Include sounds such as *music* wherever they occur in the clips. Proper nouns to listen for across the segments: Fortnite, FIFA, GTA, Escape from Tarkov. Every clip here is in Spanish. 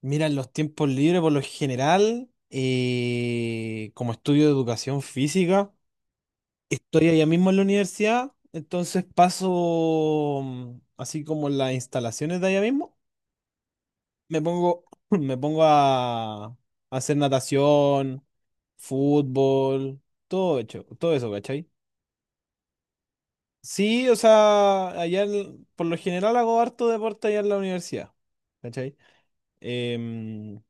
Mira, en los tiempos libres, por lo general, como estudio de educación física, estoy allá mismo en la universidad, entonces paso, así como las instalaciones de allá mismo, me pongo, *clears throat* *laughs* me pongo a hacer natación, fútbol, todo hecho, todo eso, ¿cachai? Sí, o sea, por lo general hago harto deporte allá en la universidad, ¿cachai? Em,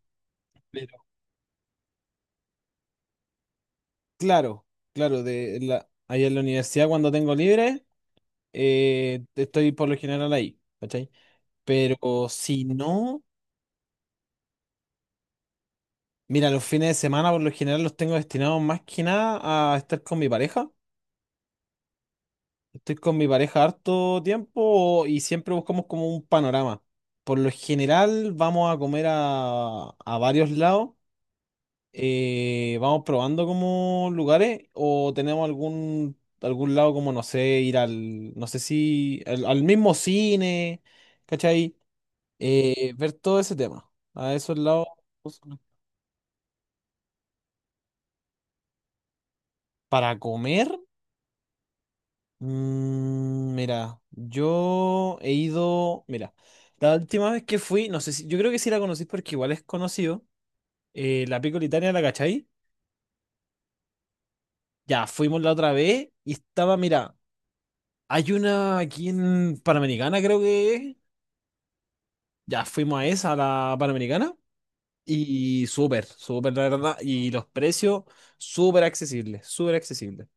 Claro, claro, ahí en la universidad cuando tengo libre, estoy por lo general ahí, ¿cachai? Pero si no, mira, los fines de semana por lo general los tengo destinados más que nada a estar con mi pareja. Estoy con mi pareja harto tiempo y siempre buscamos como un panorama. Por lo general vamos a comer a varios lados, vamos probando como lugares o tenemos algún lado como no sé, ir al no sé si al mismo cine, ¿cachai? Ver todo ese tema. A esos lados para comer, mira, yo he ido, mira, la última vez que fui, no sé si yo creo que sí la conocí porque igual es conocido, la Pícola Italia, ¿la cachai? Ya fuimos la otra vez y estaba, mira, hay una aquí en Panamericana, creo que es. Ya fuimos a esa, a la Panamericana, y súper, súper, la verdad. Y los precios, súper accesibles, súper accesibles.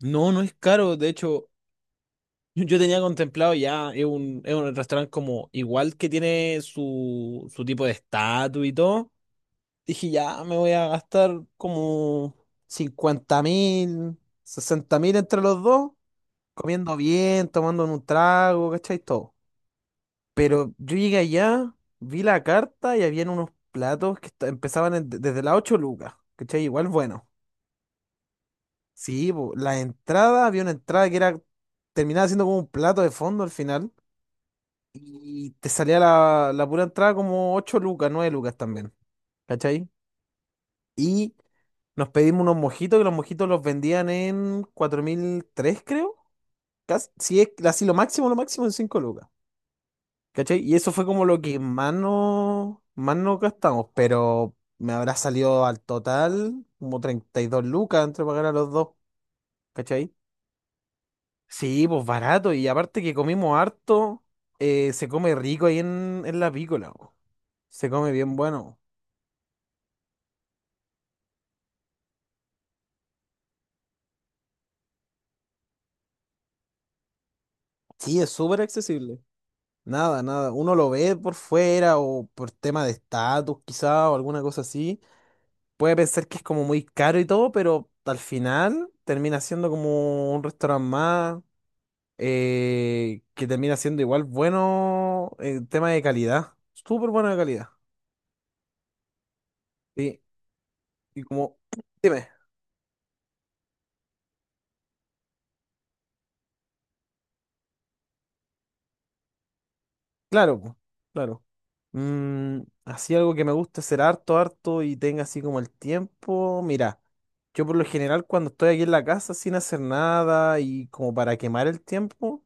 No, no es caro. De hecho, yo tenía contemplado ya, es un restaurante como igual que tiene su tipo de estatus y todo. Dije, ya me voy a gastar como 50.000, 60.000 entre los dos, comiendo bien, tomando un trago, ¿cachai? Todo. Pero yo llegué allá, vi la carta y habían unos platos empezaban desde las 8 lucas, ¿cachai? Igual bueno. Sí, po, la entrada, había una entrada que era, terminaba siendo como un plato de fondo al final y te salía la pura entrada como 8 lucas, 9 lucas también, ¿cachai? Y nos pedimos unos mojitos, que los mojitos los vendían en 4.003 creo. Casi, sí, es así lo máximo en 5 lucas. ¿Cachai? Y eso fue como lo que más no gastamos, pero me habrá salido al total como 32 lucas entre pagar a los dos, ¿cachai? Sí, pues barato, y aparte que comimos harto, se come rico ahí en la pícola, po. Se come bien bueno. Sí, es súper accesible. Nada, nada. Uno lo ve por fuera o por tema de estatus, quizá, o alguna cosa así. Puede pensar que es como muy caro y todo, pero al final termina siendo como un restaurante más, que termina siendo igual bueno en tema de calidad. Súper bueno de calidad. Sí. Y como, dime, claro, po, claro. Mm, así algo que me gusta hacer harto, harto y tenga así como el tiempo. Mira, yo por lo general cuando estoy aquí en la casa sin hacer nada y como para quemar el tiempo,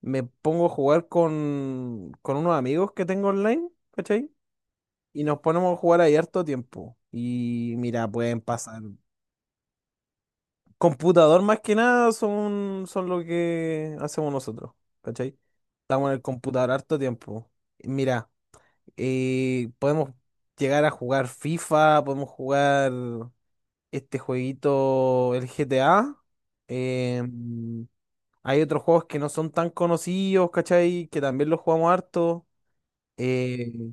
me pongo a jugar con unos amigos que tengo online, ¿cachai? Y nos ponemos a jugar ahí harto tiempo. Y mira, pueden pasar. Computador más que nada son, son lo que hacemos nosotros, ¿cachai? Estamos en el computador harto tiempo. Y mira, podemos llegar a jugar FIFA, podemos jugar este jueguito, el GTA. eh, hay otros juegos que no son tan conocidos, ¿cachai? Que también los jugamos harto. Eh,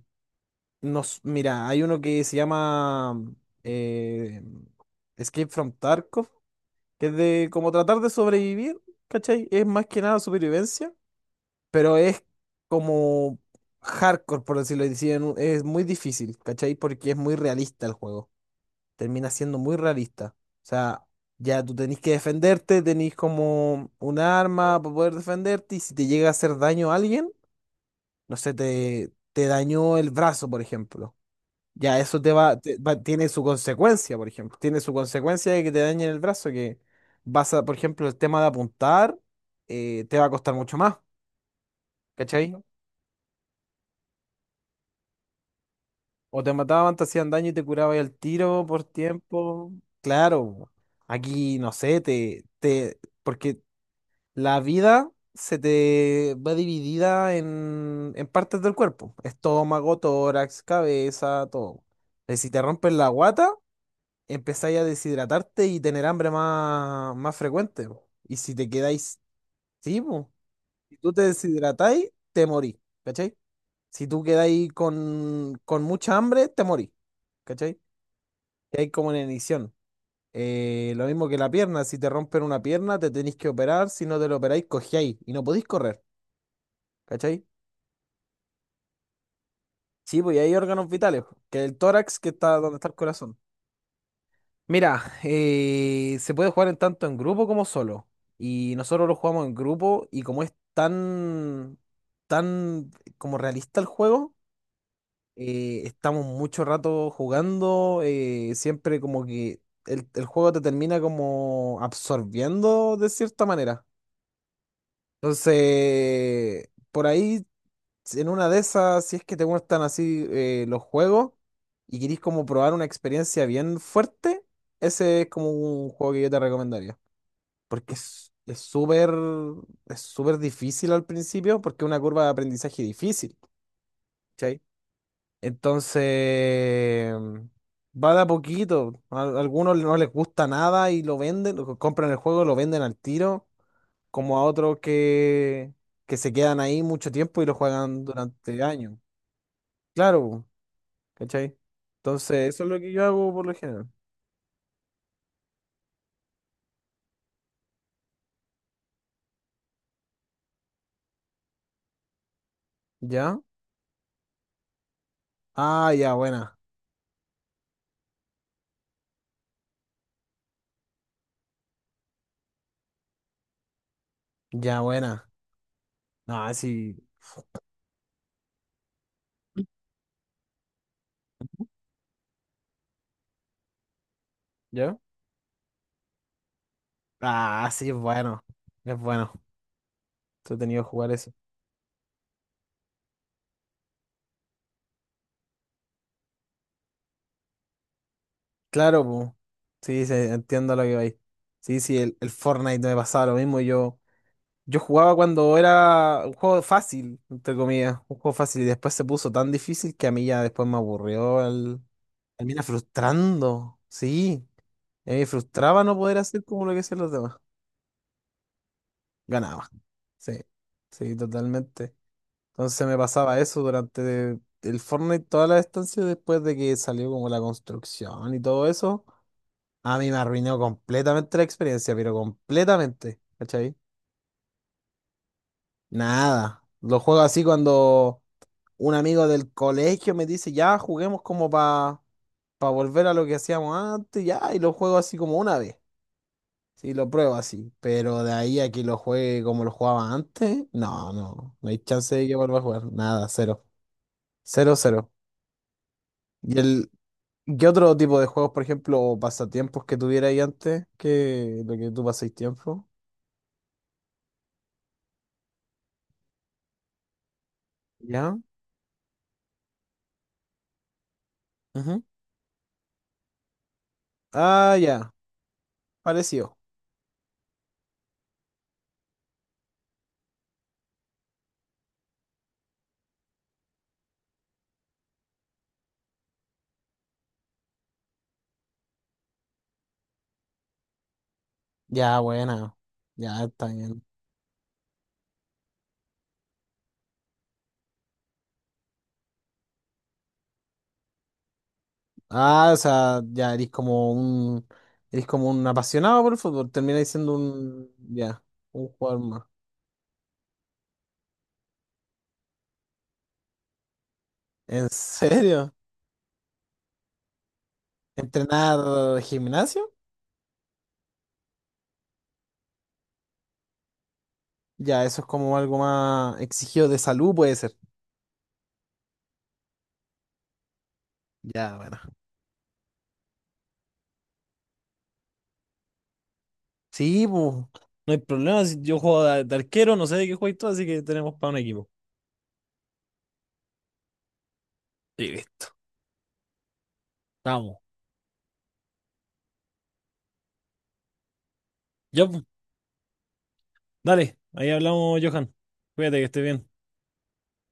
mira, hay uno que se llama eh, Escape from Tarkov que es de como tratar de sobrevivir, ¿cachai? Es más que nada supervivencia, pero es como hardcore, por decirlo así, es muy difícil, ¿cachai? Porque es muy realista el juego, termina siendo muy realista. O sea, ya tú tenés que defenderte, tenés como un arma para poder defenderte y si te llega a hacer daño a alguien, no sé, te dañó el brazo, por ejemplo. Ya eso tiene su consecuencia, por ejemplo. Tiene su consecuencia de que te dañen el brazo, que vas a, por ejemplo, el tema de apuntar, te va a costar mucho más, ¿cachai? O te mataban, te hacían daño y te curabas el tiro por tiempo. Claro, aquí, no sé, te, porque la vida se te va dividida en partes del cuerpo. Estómago, tórax, cabeza, todo. Si te rompen la guata empezáis a deshidratarte y tener hambre más frecuente, po. Y si te quedáis, sí, po. Si tú te deshidratáis, te morís, ¿cachai? Si tú quedáis con mucha hambre, te morís, ¿cachai? Y hay como una edición, lo mismo que la pierna, si te rompen una pierna, te tenéis que operar, si no te lo operáis, cojeáis y no podéis correr, ¿cachai? Sí, pues y hay órganos vitales, po, que el tórax que está donde está el corazón. Mira, se puede jugar en tanto en grupo como solo. Y nosotros lo jugamos en grupo y como es tan como realista el juego, estamos mucho rato jugando, siempre como que el juego te termina como absorbiendo de cierta manera. Entonces, por ahí si, en una de esas, si es que te gustan así, los juegos y querís como probar una experiencia bien fuerte, ese es como un juego que yo te recomendaría. Porque es súper difícil al principio, porque es una curva de aprendizaje difícil, ¿cachai? Entonces, va de a poquito. A algunos no les gusta nada y lo venden, lo compran el juego, lo venden al tiro, como a otros que, se quedan ahí mucho tiempo y lo juegan durante años. Claro. ¿Cachai? Entonces, eso es lo que yo hago por lo general. ¿Ya? Ah, ya, buena. Ya, buena. Ah, sí. ¿Ya? Ah, sí, es bueno. Es bueno. Entretenido jugar eso. Claro, pues. Sí, sí, entiendo lo que vais. Sí, sí, el Fortnite me pasaba lo mismo. Yo jugaba cuando era un juego fácil, entre comillas. Un juego fácil. Y después se puso tan difícil que a mí ya después me aburrió. El... Termina frustrando. Sí. A mí me frustraba no poder hacer como lo que hacían los demás. Ganaba. Sí, sí, totalmente. Entonces me pasaba eso durante el Fortnite, toda la estancia, después de que salió como la construcción y todo eso. A mí me arruinó completamente la experiencia, pero completamente. ¿Cachai? Nada. Lo juego así cuando un amigo del colegio me dice, ya, juguemos como para volver a lo que hacíamos antes, ya, y lo juego así como una vez. Sí, lo pruebo así, pero de ahí a que lo juegue como lo jugaba antes, no, no, no hay chance de que vuelva a jugar, nada, cero, cero, cero. ¿Y el, qué otro tipo de juegos, por ejemplo, o pasatiempos que tuviera ahí antes que lo que tú paséis tiempo? ¿Ya? Ujú. Ah, ya, parecido. Ya, buena, ya está bien. Ah, o sea, ya eres como un apasionado por el fútbol, termináis siendo un, ya, un jugador más. ¿En serio? ¿Entrenar gimnasio? Ya, eso es como algo más exigido de salud, puede ser. Ya, bueno. Sí, pues, no hay problema. Si yo juego de arquero, no sé de qué juego y todo así que tenemos para un equipo. Y listo. Vamos. Ya, pues, dale. Ahí hablamos, Johan. Cuídate, que esté bien.